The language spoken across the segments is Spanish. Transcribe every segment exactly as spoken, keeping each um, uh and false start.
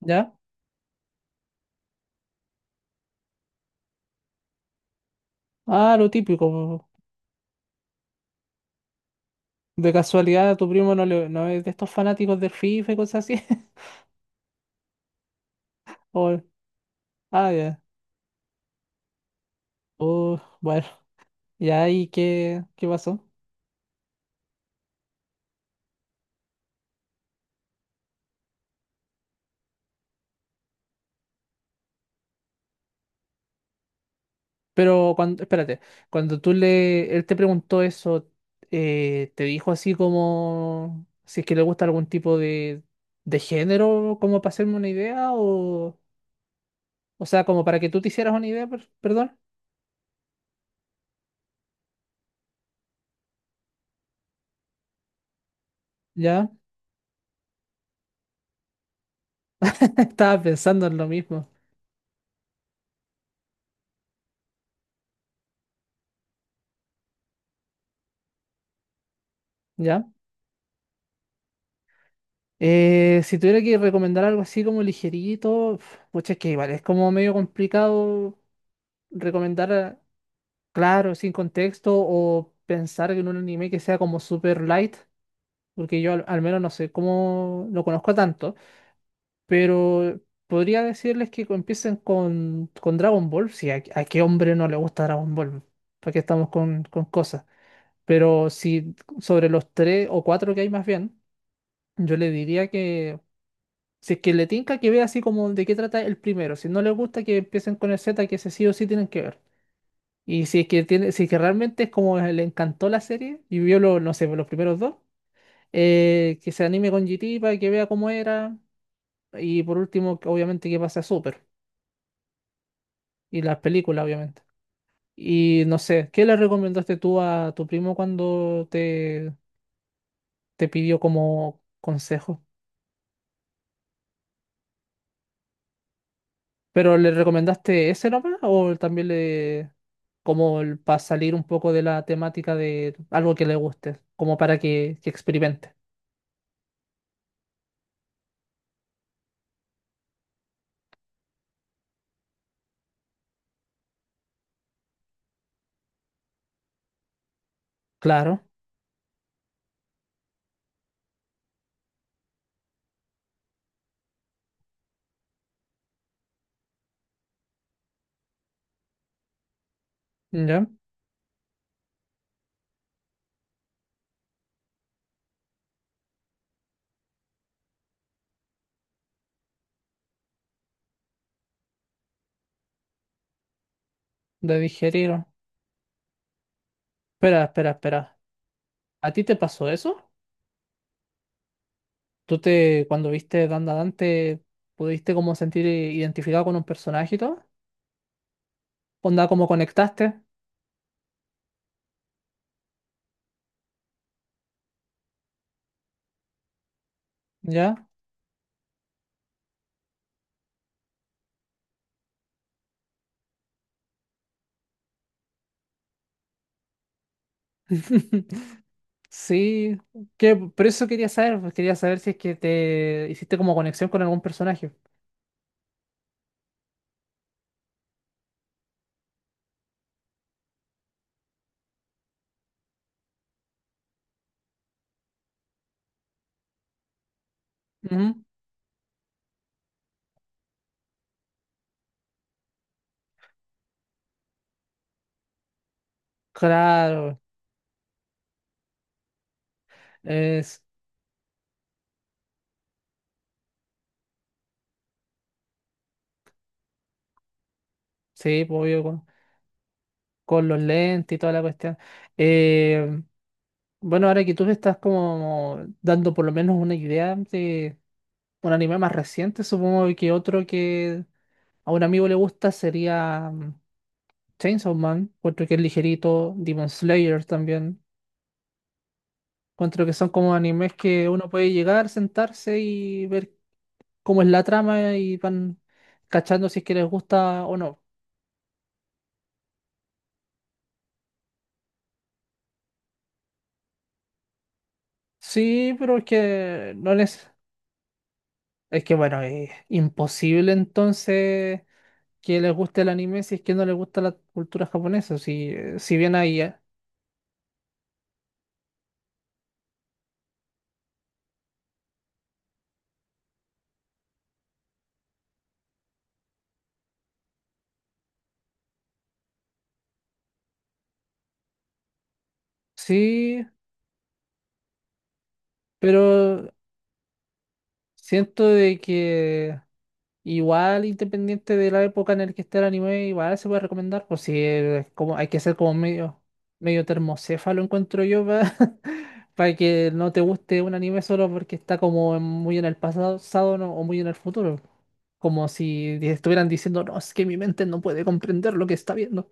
¿Ya? Ah, lo típico. De casualidad a tu primo no, le, no es de estos fanáticos del FIFA y cosas así. O, ah, ya. Oh, bueno. Ya, ¿y qué, qué pasó? Pero cuando, espérate, cuando tú le, él te preguntó eso, eh, ¿te dijo así como si es que le gusta algún tipo de, de género, como para hacerme una idea? O, o sea, como para que tú te hicieras una idea, per- perdón. Ya, estaba pensando en lo mismo. ¿Ya? Eh, si tuviera que recomendar algo así como ligerito, pucha, es que igual es como medio complicado recomendar, eh, claro, sin contexto o pensar en un anime que sea como super light, porque yo al, al menos no sé cómo lo conozco tanto, pero podría decirles que co- empiecen con, con Dragon Ball, si a, a qué hombre no le gusta Dragon Ball, porque estamos con, con cosas, pero si sobre los tres o cuatro que hay más bien, yo le diría si es que le tinca que vea así como de qué trata el primero. Si no le gusta que empiecen con el Z, que ese sí o sí tienen que ver. Y si es que tiene, si es que realmente es como le encantó la serie y vio los, no sé, los primeros dos, eh, que se anime con G T para que vea cómo era. Y por último, que obviamente que pase a Super. Y las películas, obviamente. Y no sé, ¿qué le recomendaste tú a tu primo cuando te, te pidió como consejo? ¿Pero le recomendaste ese nomás o también le... como el, para salir un poco de la temática de algo que le guste, como para que, que experimente? Claro, ¿ya? De digerir. Espera, espera, espera. ¿A ti te pasó eso? ¿Tú te, cuando viste Danda Dante, pudiste como sentir eh, identificado con un personaje y todo? ¿Onda como conectaste? ¿Ya? Sí, que por eso quería saber, pues, quería saber si es que te hiciste como conexión con algún personaje. Ujú. Claro, es, sí, pues, obvio, con, con los lentes y toda la cuestión. Eh, bueno, ahora que tú me estás como dando por lo menos una idea de un anime más reciente, supongo que otro que a un amigo le gusta sería mm, Chainsaw Man, otro que es ligerito, Demon Slayer también. Encuentro que son como animes que uno puede llegar, sentarse y ver cómo es la trama y van cachando si es que les gusta o no. Sí, pero es que no les... Es que bueno, es imposible entonces que les guste el anime si es que no les gusta la cultura japonesa. Si, eh, si bien ahí, eh, sí, pero siento de que igual independiente de la época en la que esté el anime, igual se puede recomendar, pues si es como, hay que ser como medio, medio termocéfalo, encuentro yo, para que no te guste un anime solo porque está como en- muy en el pasado ¿no? o muy en el futuro, como si estuvieran diciendo, no, es que mi mente no puede comprender lo que está viendo.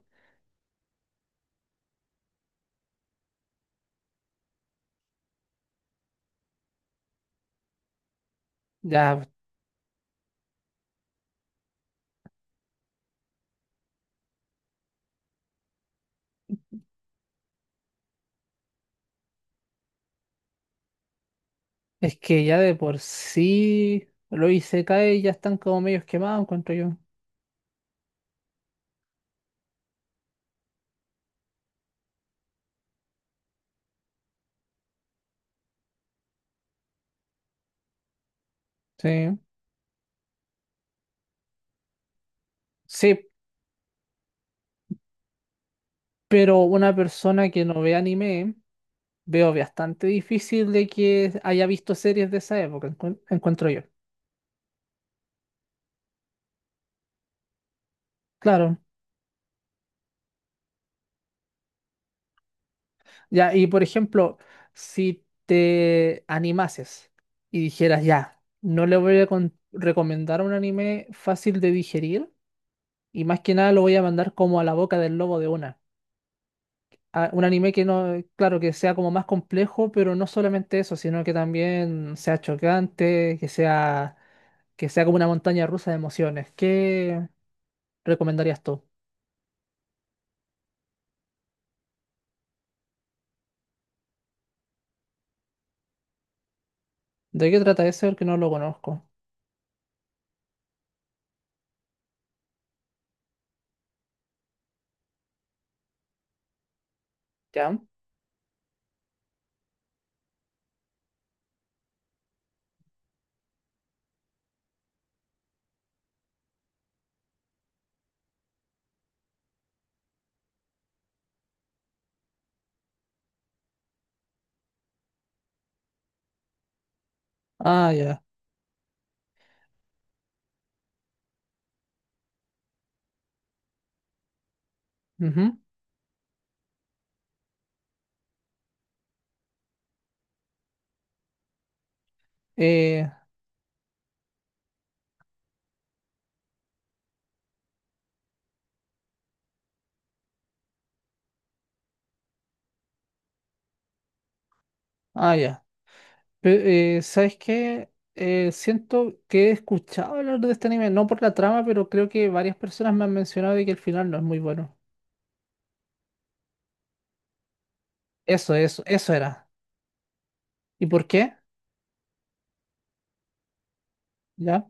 Ya, es que ya de por sí lo hice caer y ya están como medios quemados, encuentro yo. Sí. Sí, pero una persona que no ve anime, veo bastante difícil de que haya visto series de esa época, encuent- encuentro yo. Claro. Ya, y por ejemplo, si te animases y dijeras, ya, no le voy a con- recomendar un anime fácil de digerir, y más que nada lo voy a mandar como a la boca del lobo de una. A- un anime que no, claro, que sea como más complejo, pero no solamente eso, sino que también sea chocante, que sea, que sea como una montaña rusa de emociones. ¿Qué recomendarías tú? ¿De qué trata ese? Porque no lo conozco. ¿Ya? Ah, ya. Ujú. Eh, ah, ya. Pe- eh, ¿sabes qué? Eh, siento que he escuchado hablar de este anime, no por la trama, pero creo que varias personas me han mencionado de que el final no es muy bueno. Eso, eso, eso era. ¿Y por qué? Ya,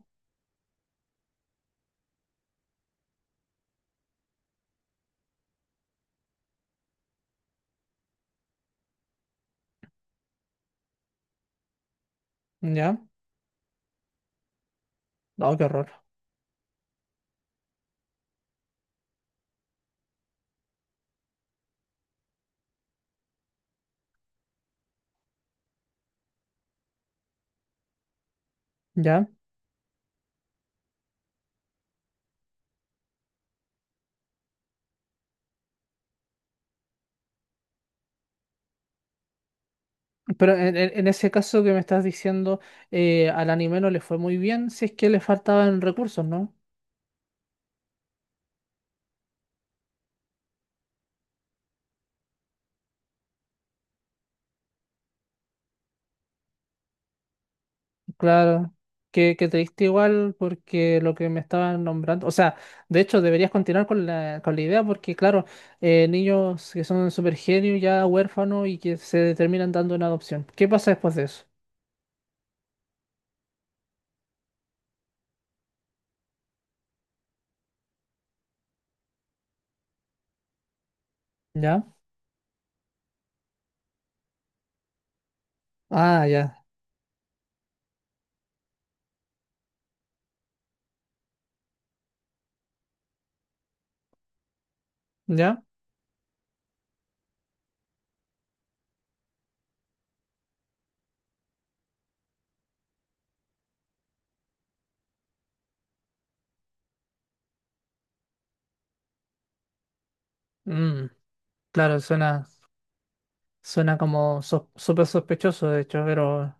ya. No, qué horror. Ya. Pero en, en- en ese caso que me estás diciendo, eh, al anime no le fue muy bien, si es que le faltaban recursos, ¿no? Claro. Que, que te diste igual porque lo que me estaban nombrando. O sea, de hecho, deberías continuar con la, con la idea porque, claro, eh, niños que son super genios, ya huérfanos y que se terminan dando en adopción. ¿Qué pasa después de eso? ¿Ya? Ah, ya. ¿Ya? Mm, claro, suena. Suena como sos- súper sospechoso, de hecho, pero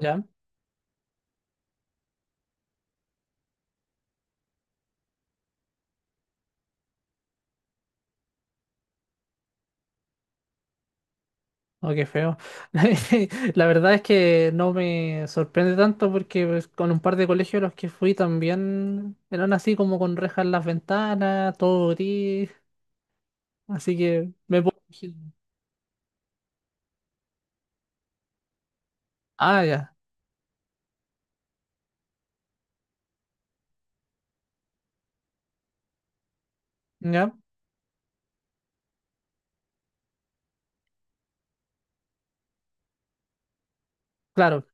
ya, o qué feo. La verdad es que no me sorprende tanto porque pues, con un par de colegios a los que fui también eran así como con rejas en las ventanas, todo gris, así que me puedo... imaginar. Ah, ya, ya, claro.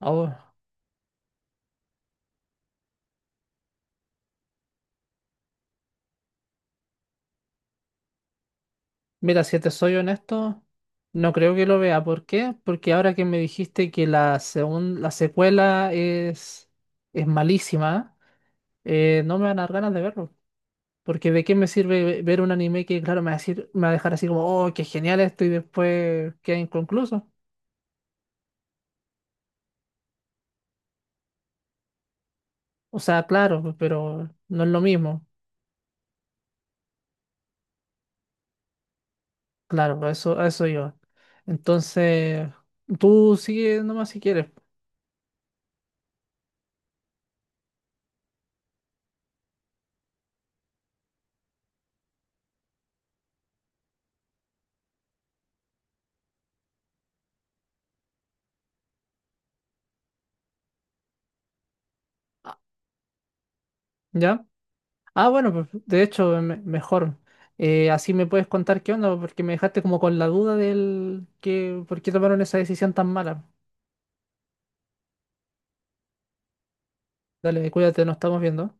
Oh, mira, si te soy honesto, no creo que lo vea. ¿Por qué? Porque ahora que me dijiste que la, segun- la secuela es, es malísima. Eh, no me van a dar ganas de verlo. Porque de qué me sirve ve- ver un anime que, claro, me va a decir, me va a dejar así como, oh, qué genial esto y después queda inconcluso. O sea, claro, pero no es lo mismo. Claro, a eso, a eso iba. Entonces, tú sigue nomás si quieres. Ah, ¿ya? Ah, bueno, pues, de hecho, me- mejor. Eh, así me puedes contar qué onda, porque me dejaste como con la duda del que, por qué tomaron esa decisión tan mala. Dale, cuídate, nos estamos viendo.